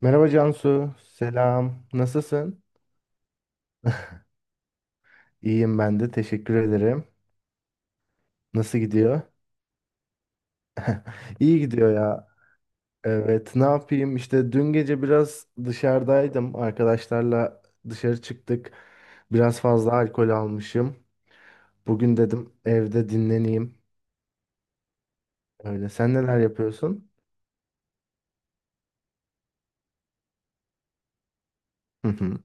Merhaba Cansu, selam. Nasılsın? İyiyim ben de, teşekkür ederim. Nasıl gidiyor? İyi gidiyor ya. Evet, ne yapayım? İşte dün gece biraz dışarıdaydım. Arkadaşlarla dışarı çıktık. Biraz fazla alkol almışım. Bugün dedim evde dinleneyim. Öyle. Sen neler yapıyorsun? Hı hı,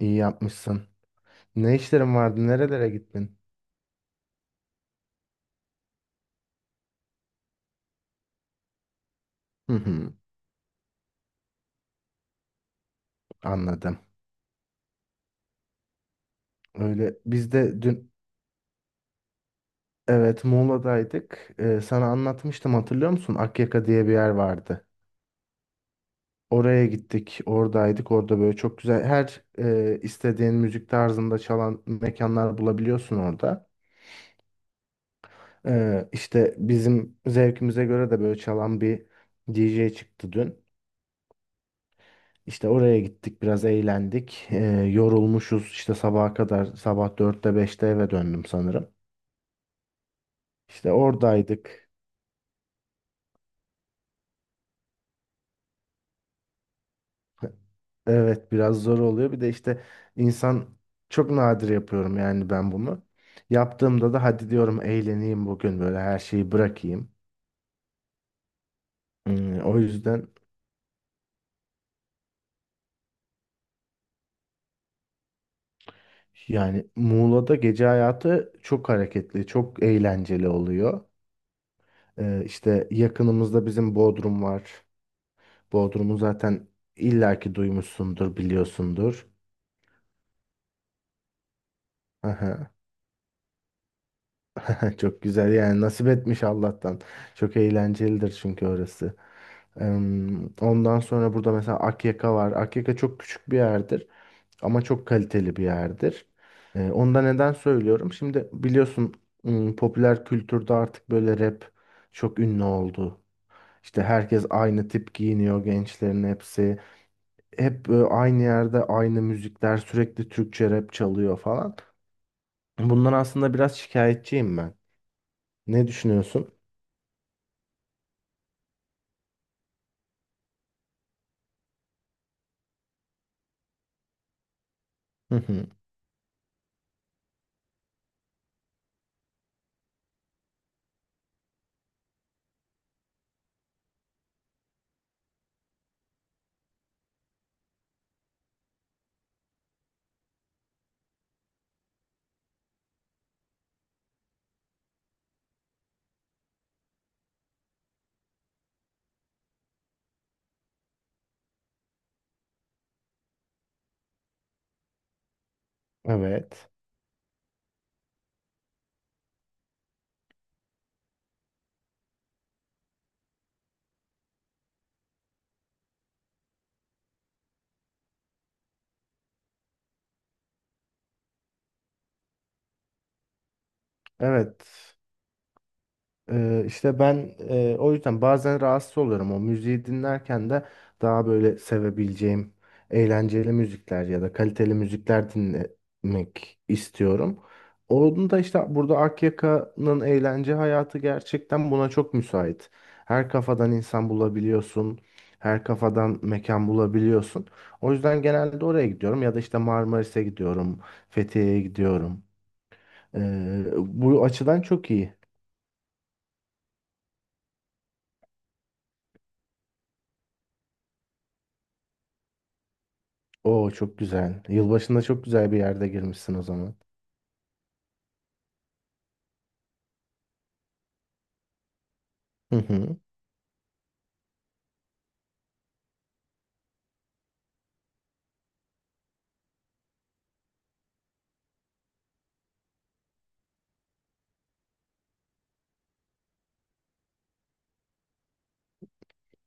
iyi yapmışsın. Ne işlerin vardı? Nerelere gittin? Hı hı, anladım. Öyle. Biz de dün Evet, Muğla'daydık. Sana anlatmıştım hatırlıyor musun? Akyaka diye bir yer vardı. Oraya gittik, oradaydık. Orada böyle çok güzel her istediğin müzik tarzında çalan mekanlar bulabiliyorsun orada. İşte bizim zevkimize göre de böyle çalan bir DJ çıktı dün. İşte oraya gittik, biraz eğlendik. Yorulmuşuz işte sabaha kadar. Sabah 4'te 5'te eve döndüm sanırım. İşte oradaydık. Evet biraz zor oluyor. Bir de işte insan çok nadir yapıyorum yani ben bunu. Yaptığımda da hadi diyorum eğleneyim bugün böyle her şeyi bırakayım. Hmm, o yüzden yani Muğla'da gece hayatı çok hareketli, çok eğlenceli oluyor. İşte yakınımızda bizim Bodrum var. Bodrum'u zaten illaki duymuşsundur, biliyorsundur. Çok güzel yani nasip etmiş Allah'tan. Çok eğlencelidir çünkü orası. Ondan sonra burada mesela Akyaka var. Akyaka çok küçük bir yerdir ama çok kaliteli bir yerdir. Onu da neden söylüyorum? Şimdi biliyorsun popüler kültürde artık böyle rap çok ünlü oldu. İşte herkes aynı tip giyiniyor gençlerin hepsi. Hep aynı yerde aynı müzikler sürekli Türkçe rap çalıyor falan. Bundan aslında biraz şikayetçiyim ben. Ne düşünüyorsun? Evet. Evet. İşte ben o yüzden bazen rahatsız oluyorum. O müziği dinlerken de daha böyle sevebileceğim eğlenceli müzikler ya da kaliteli müzikler dinlemek istiyorum. Onun da işte burada Akyaka'nın eğlence hayatı gerçekten buna çok müsait. Her kafadan insan bulabiliyorsun. Her kafadan mekan bulabiliyorsun. O yüzden genelde oraya gidiyorum ya da işte Marmaris'e gidiyorum, Fethiye'ye gidiyorum. Bu açıdan çok iyi. Oo, çok güzel. Yılbaşında çok güzel bir yerde girmişsin o zaman. Hı hı.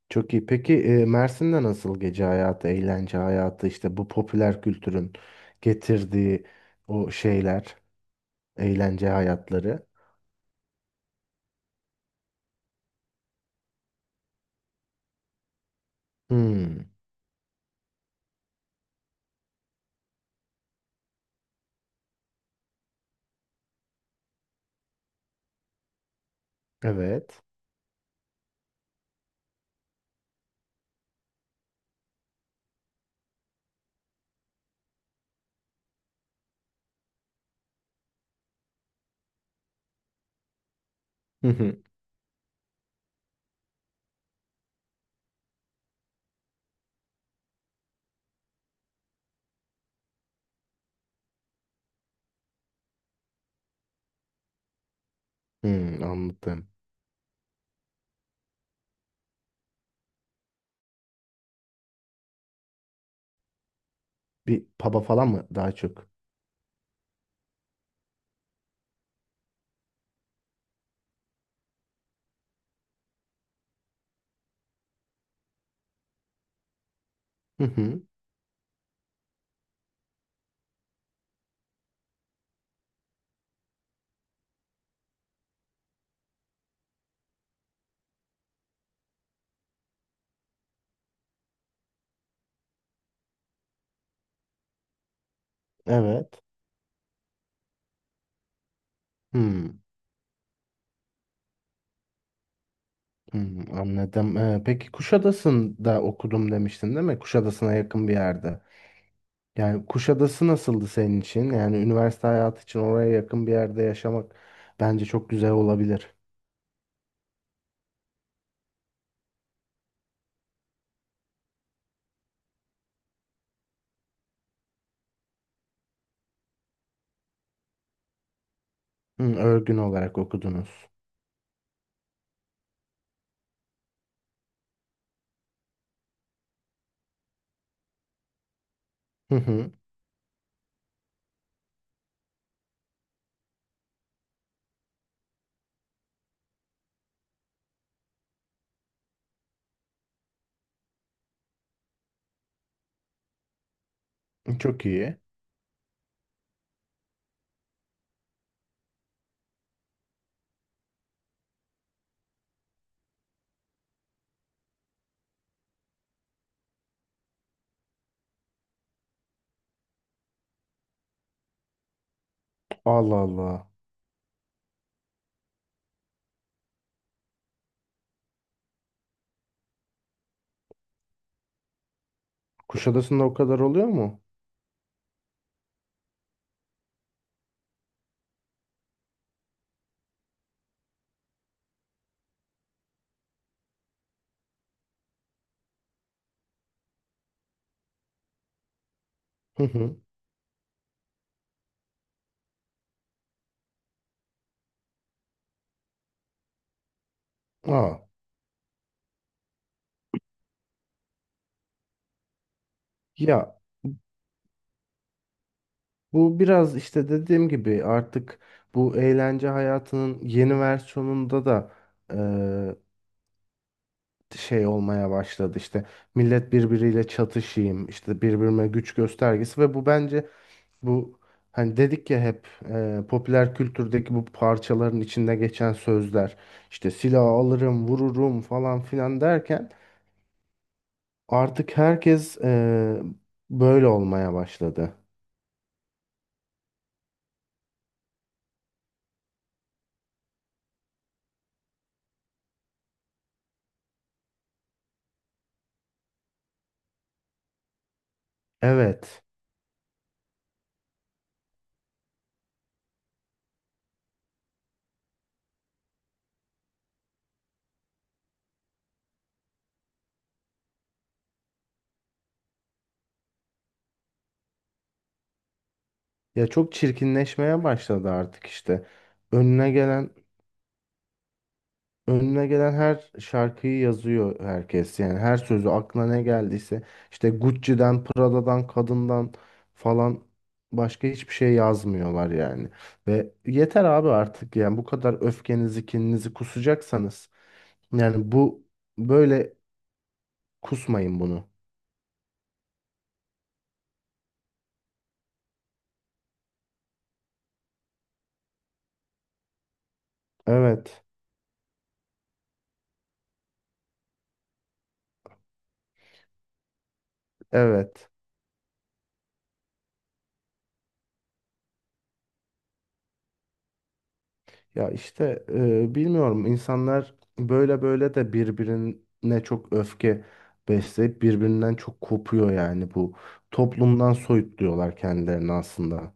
Çok iyi. Peki Mersin'de nasıl gece hayatı, eğlence hayatı, işte bu popüler kültürün getirdiği o şeyler, eğlence hayatları? Hmm, evet. Hı hı. Hmm, anladım. Bir pub'a falan mı daha çok? Hı hı. Evet. Hmm. Hmm, anladım. Peki Kuşadası'nda okudum demiştin değil mi? Kuşadası'na yakın bir yerde. Yani Kuşadası nasıldı senin için? Yani üniversite hayatı için oraya yakın bir yerde yaşamak bence çok güzel olabilir. Hı, örgün olarak okudunuz. Hı hı. Çok iyi. Allah Allah. Kuşadası'nda o kadar oluyor mu? Hı hı. Aa. Ya bu biraz işte dediğim gibi artık bu eğlence hayatının yeni versiyonunda da eee, şey olmaya başladı. İşte millet birbiriyle çatışayım, işte birbirine güç göstergesi ve bu bence. Bu hani dedik ya hep popüler kültürdeki bu parçaların içinde geçen sözler işte silah alırım vururum falan filan derken artık herkes böyle olmaya başladı. Evet. Ya çok çirkinleşmeye başladı artık işte. Önüne gelen Önüne gelen her şarkıyı yazıyor herkes. Yani her sözü aklına ne geldiyse işte Gucci'den, Prada'dan, kadından falan başka hiçbir şey yazmıyorlar yani. Ve yeter abi artık yani bu kadar öfkenizi, kininizi kusacaksanız yani bu böyle kusmayın bunu. Evet. Evet. Ya işte bilmiyorum insanlar böyle böyle de birbirine çok öfke besleyip birbirinden çok kopuyor yani bu toplumdan soyutluyorlar kendilerini aslında.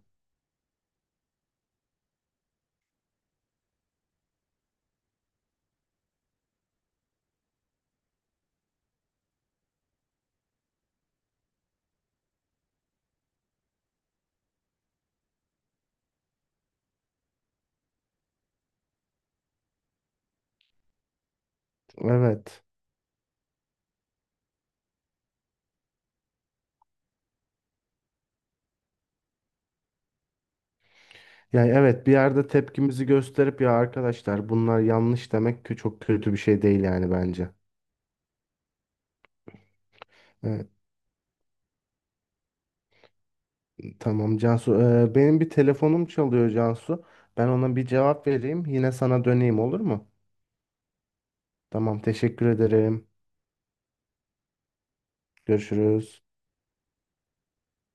Evet. Yani evet bir yerde tepkimizi gösterip ya arkadaşlar bunlar yanlış demek ki çok kötü bir şey değil yani bence. Evet, tamam Cansu. Benim bir telefonum çalıyor Cansu. Ben ona bir cevap vereyim. Yine sana döneyim olur mu? Tamam teşekkür ederim. Görüşürüz.